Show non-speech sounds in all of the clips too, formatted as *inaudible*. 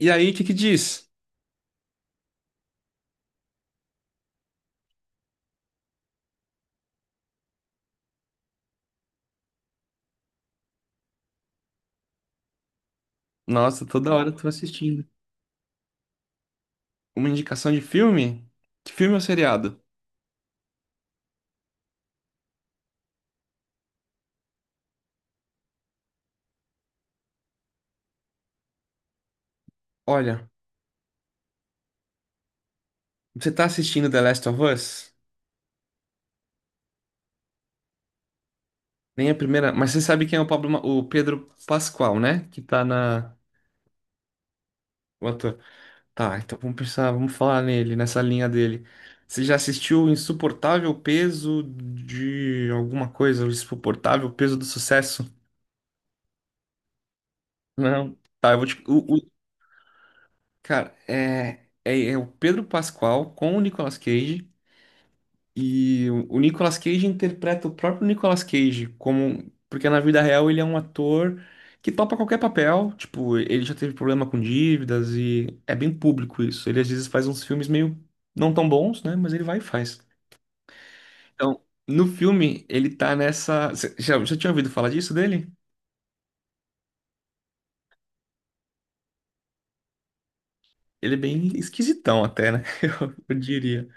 E aí, o que que diz? Nossa, toda hora tu... uma indicação de filme? Que filme ou seriado? Olha, você tá assistindo The Last of Us? Nem a primeira, mas você sabe quem é o Pablo, Ma- o Pedro Pascal, né? Que tá na o ator. Tá, então vamos pensar, vamos falar nele, nessa linha dele. Você já assistiu o Insuportável Peso de alguma coisa? O Insuportável Peso do Sucesso? Não. Tá, eu vou te. O- Cara, é o Pedro Pascal com o Nicolas Cage. E o Nicolas Cage interpreta o próprio Nicolas Cage como, porque na vida real ele é um ator que topa qualquer papel, tipo, ele já teve problema com dívidas e é bem público isso. Ele às vezes faz uns filmes meio não tão bons, né, mas ele vai e faz. Então, no filme ele tá nessa. Você já tinha ouvido falar disso dele? Ele é bem esquisitão até, né? *laughs* Eu diria.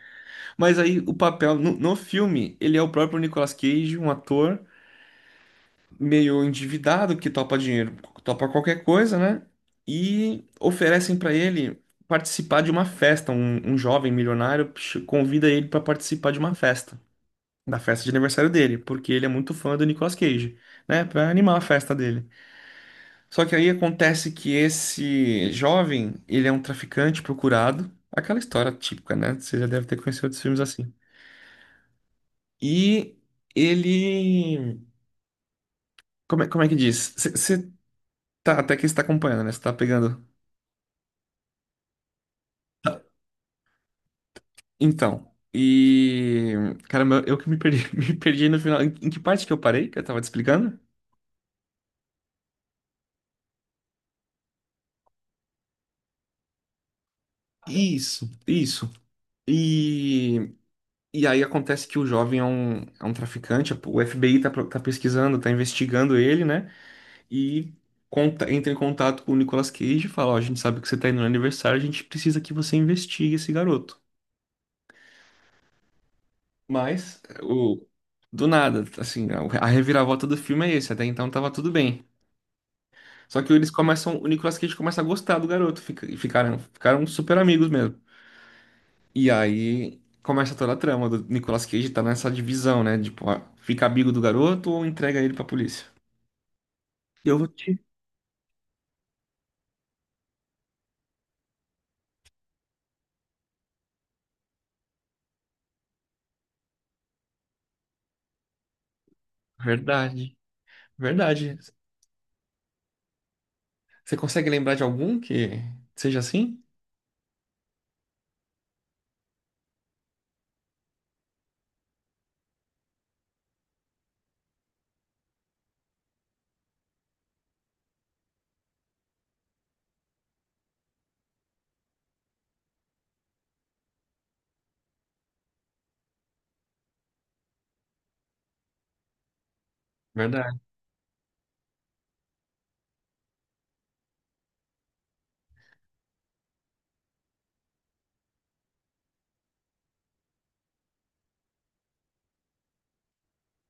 Mas aí o papel no, no filme, ele é o próprio Nicolas Cage, um ator meio endividado que topa dinheiro, topa qualquer coisa, né? E oferecem para ele participar de uma festa. Um jovem milionário ch- convida ele para participar de uma festa, da festa de aniversário dele, porque ele é muito fã do Nicolas Cage, né? Para animar a festa dele. Só que aí acontece que esse jovem, ele é um traficante procurado, aquela história típica, né? Você já deve ter conhecido outros filmes assim. E ele, como é que diz? Você tá, até que está acompanhando, né? Você tá pegando. Tá, então, e. Caramba, eu que me perdi, *laughs* me perdi no final. Em que parte que eu parei que eu tava te explicando? Isso, isso. E, e aí acontece que o jovem é um traficante, o FBI tá, pro- tá pesquisando, tá investigando ele, né? E conta- entra em contato com o Nicolas Cage e fala: Ó, a gente sabe que você tá indo no aniversário, a gente precisa que você investigue esse garoto. Mas, o, do nada, assim, a reviravolta do filme é esse. Até então tava tudo bem. Só que eles começam, o Nicolas Cage começa a gostar do garoto, fica- e ficaram, ficaram super amigos mesmo. E aí começa toda a trama do Nicolas Cage tá nessa divisão, né? Tipo, ah, fica amigo do garoto ou entrega ele pra polícia? Eu vou te. Verdade, verdade. Você consegue lembrar de algum que seja assim? Verdade.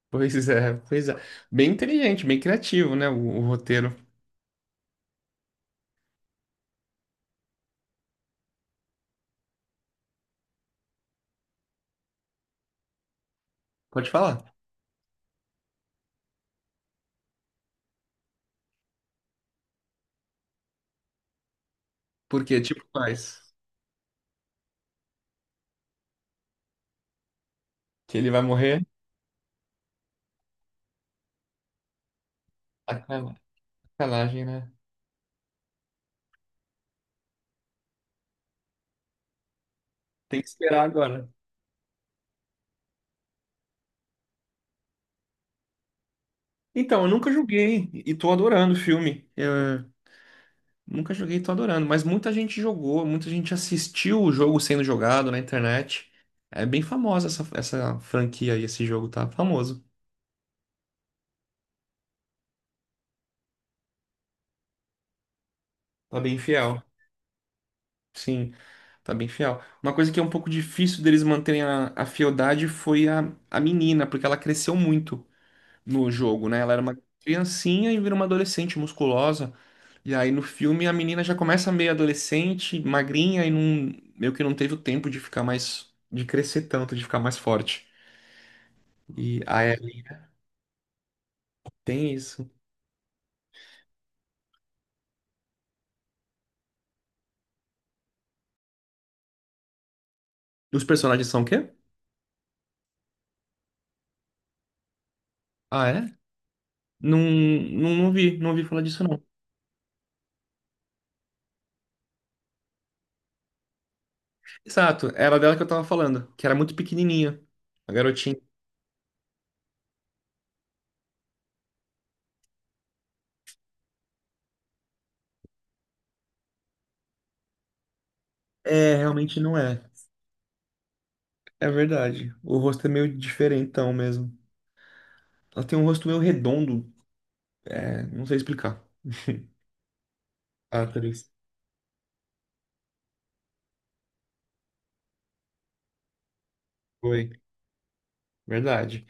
Pois é, pois é. Bem inteligente, bem criativo, né? O roteiro. Pode falar. Porque, tipo, faz que ele vai morrer? Acala- Sacanagem, né? Tem que esperar agora. Então, eu nunca joguei e tô adorando o filme. Eu nunca joguei e tô adorando, mas muita gente jogou, muita gente assistiu o jogo sendo jogado na internet. É bem famosa essa, essa franquia aí, esse jogo tá famoso. Tá bem fiel. Sim, tá bem fiel. Uma coisa que é um pouco difícil deles manterem a fieldade foi a menina, porque ela cresceu muito. No jogo, né? Ela era uma criancinha e vira uma adolescente musculosa. E aí no filme a menina já começa meio adolescente, magrinha e não, meio que não teve o tempo de ficar mais, de crescer tanto, de ficar mais forte. E aí Ellie tem isso. Os personagens são o quê? Ah, é? Não vi, não ouvi falar disso não. Exato, era dela que eu tava falando, que era muito pequenininha, a garotinha. É, realmente não é. É verdade. O rosto é meio diferentão mesmo. Ela tem um rosto meio redondo, é, não sei explicar. *laughs* A atriz. Foi, verdade.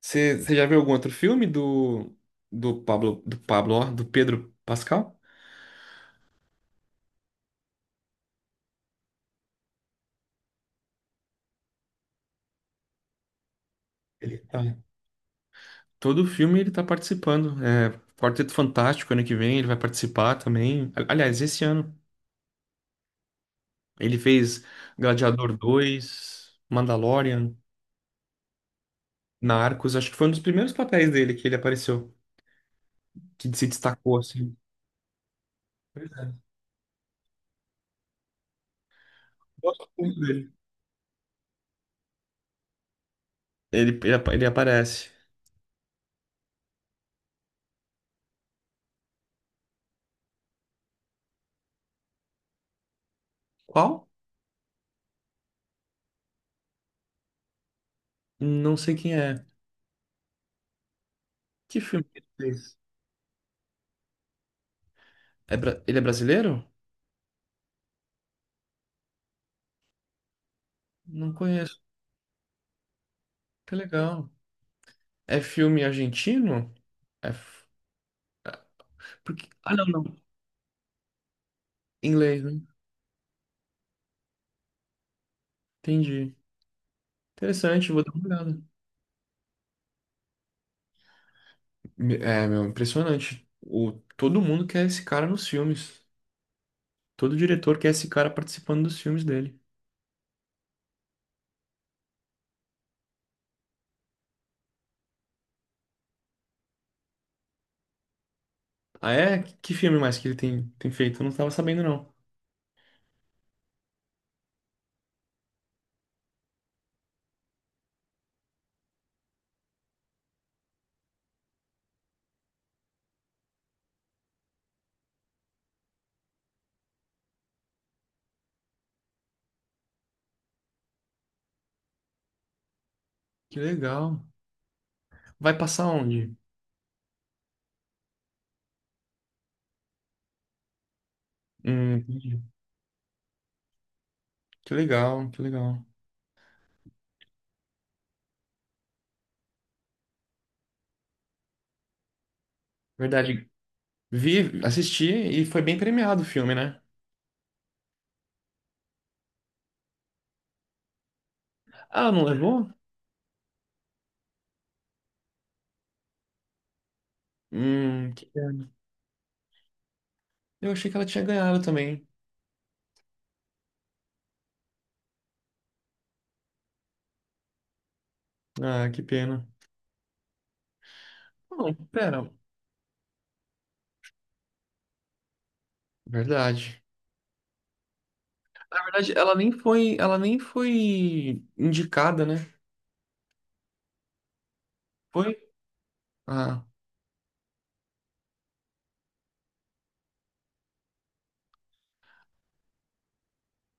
Você já viu algum outro filme do, do Pedro Pascal? Ele tá. Todo filme ele tá participando. É, Quarteto Fantástico, ano que vem, ele vai participar também. A- Aliás, esse ano. Ele fez Gladiador dois, Mandalorian, Narcos. Acho que foi um dos primeiros papéis dele que ele apareceu, que se destacou, assim. Pois é. Gosto muito dele. Apa- ele aparece. Qual? Não sei quem é. Que filme que ele fez? É bra- Ele é brasileiro? Não conheço. Que legal. É filme argentino? É... f- Porque... Ah, não, não. Inglês, né? Entendi. Interessante, vou dar uma olhada. Me- É, meu, impressionante. O... Todo mundo quer esse cara nos filmes. Todo diretor quer esse cara participando dos filmes dele. Ah, é? Que filme mais que ele tem feito? Eu não tava sabendo, não. Que legal. Vai passar onde? Entendi. Que legal, que legal. Verdade. Vi, assisti e foi bem premiado o filme, né? Ah, não levou? Que pena. Eu achei que ela tinha ganhado também. Ah, que pena. Não, pera. Verdade. Na verdade, ela nem foi indicada, né? Foi? Ah,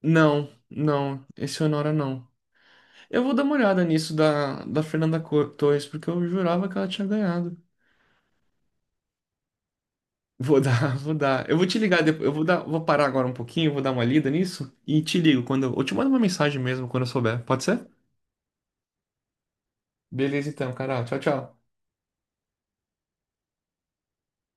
não, não. Esse Honora não. Eu vou dar uma olhada nisso da Fernanda Co- Torres, porque eu jurava que ela tinha ganhado. Vou dar, *laughs* vou dar. Eu vou te ligar depois. Eu vou dar, vou parar agora um pouquinho, vou dar uma lida nisso e te ligo quando eu te mando uma mensagem mesmo quando eu souber. Pode ser? Beleza então, Carol. Tchau, tchau.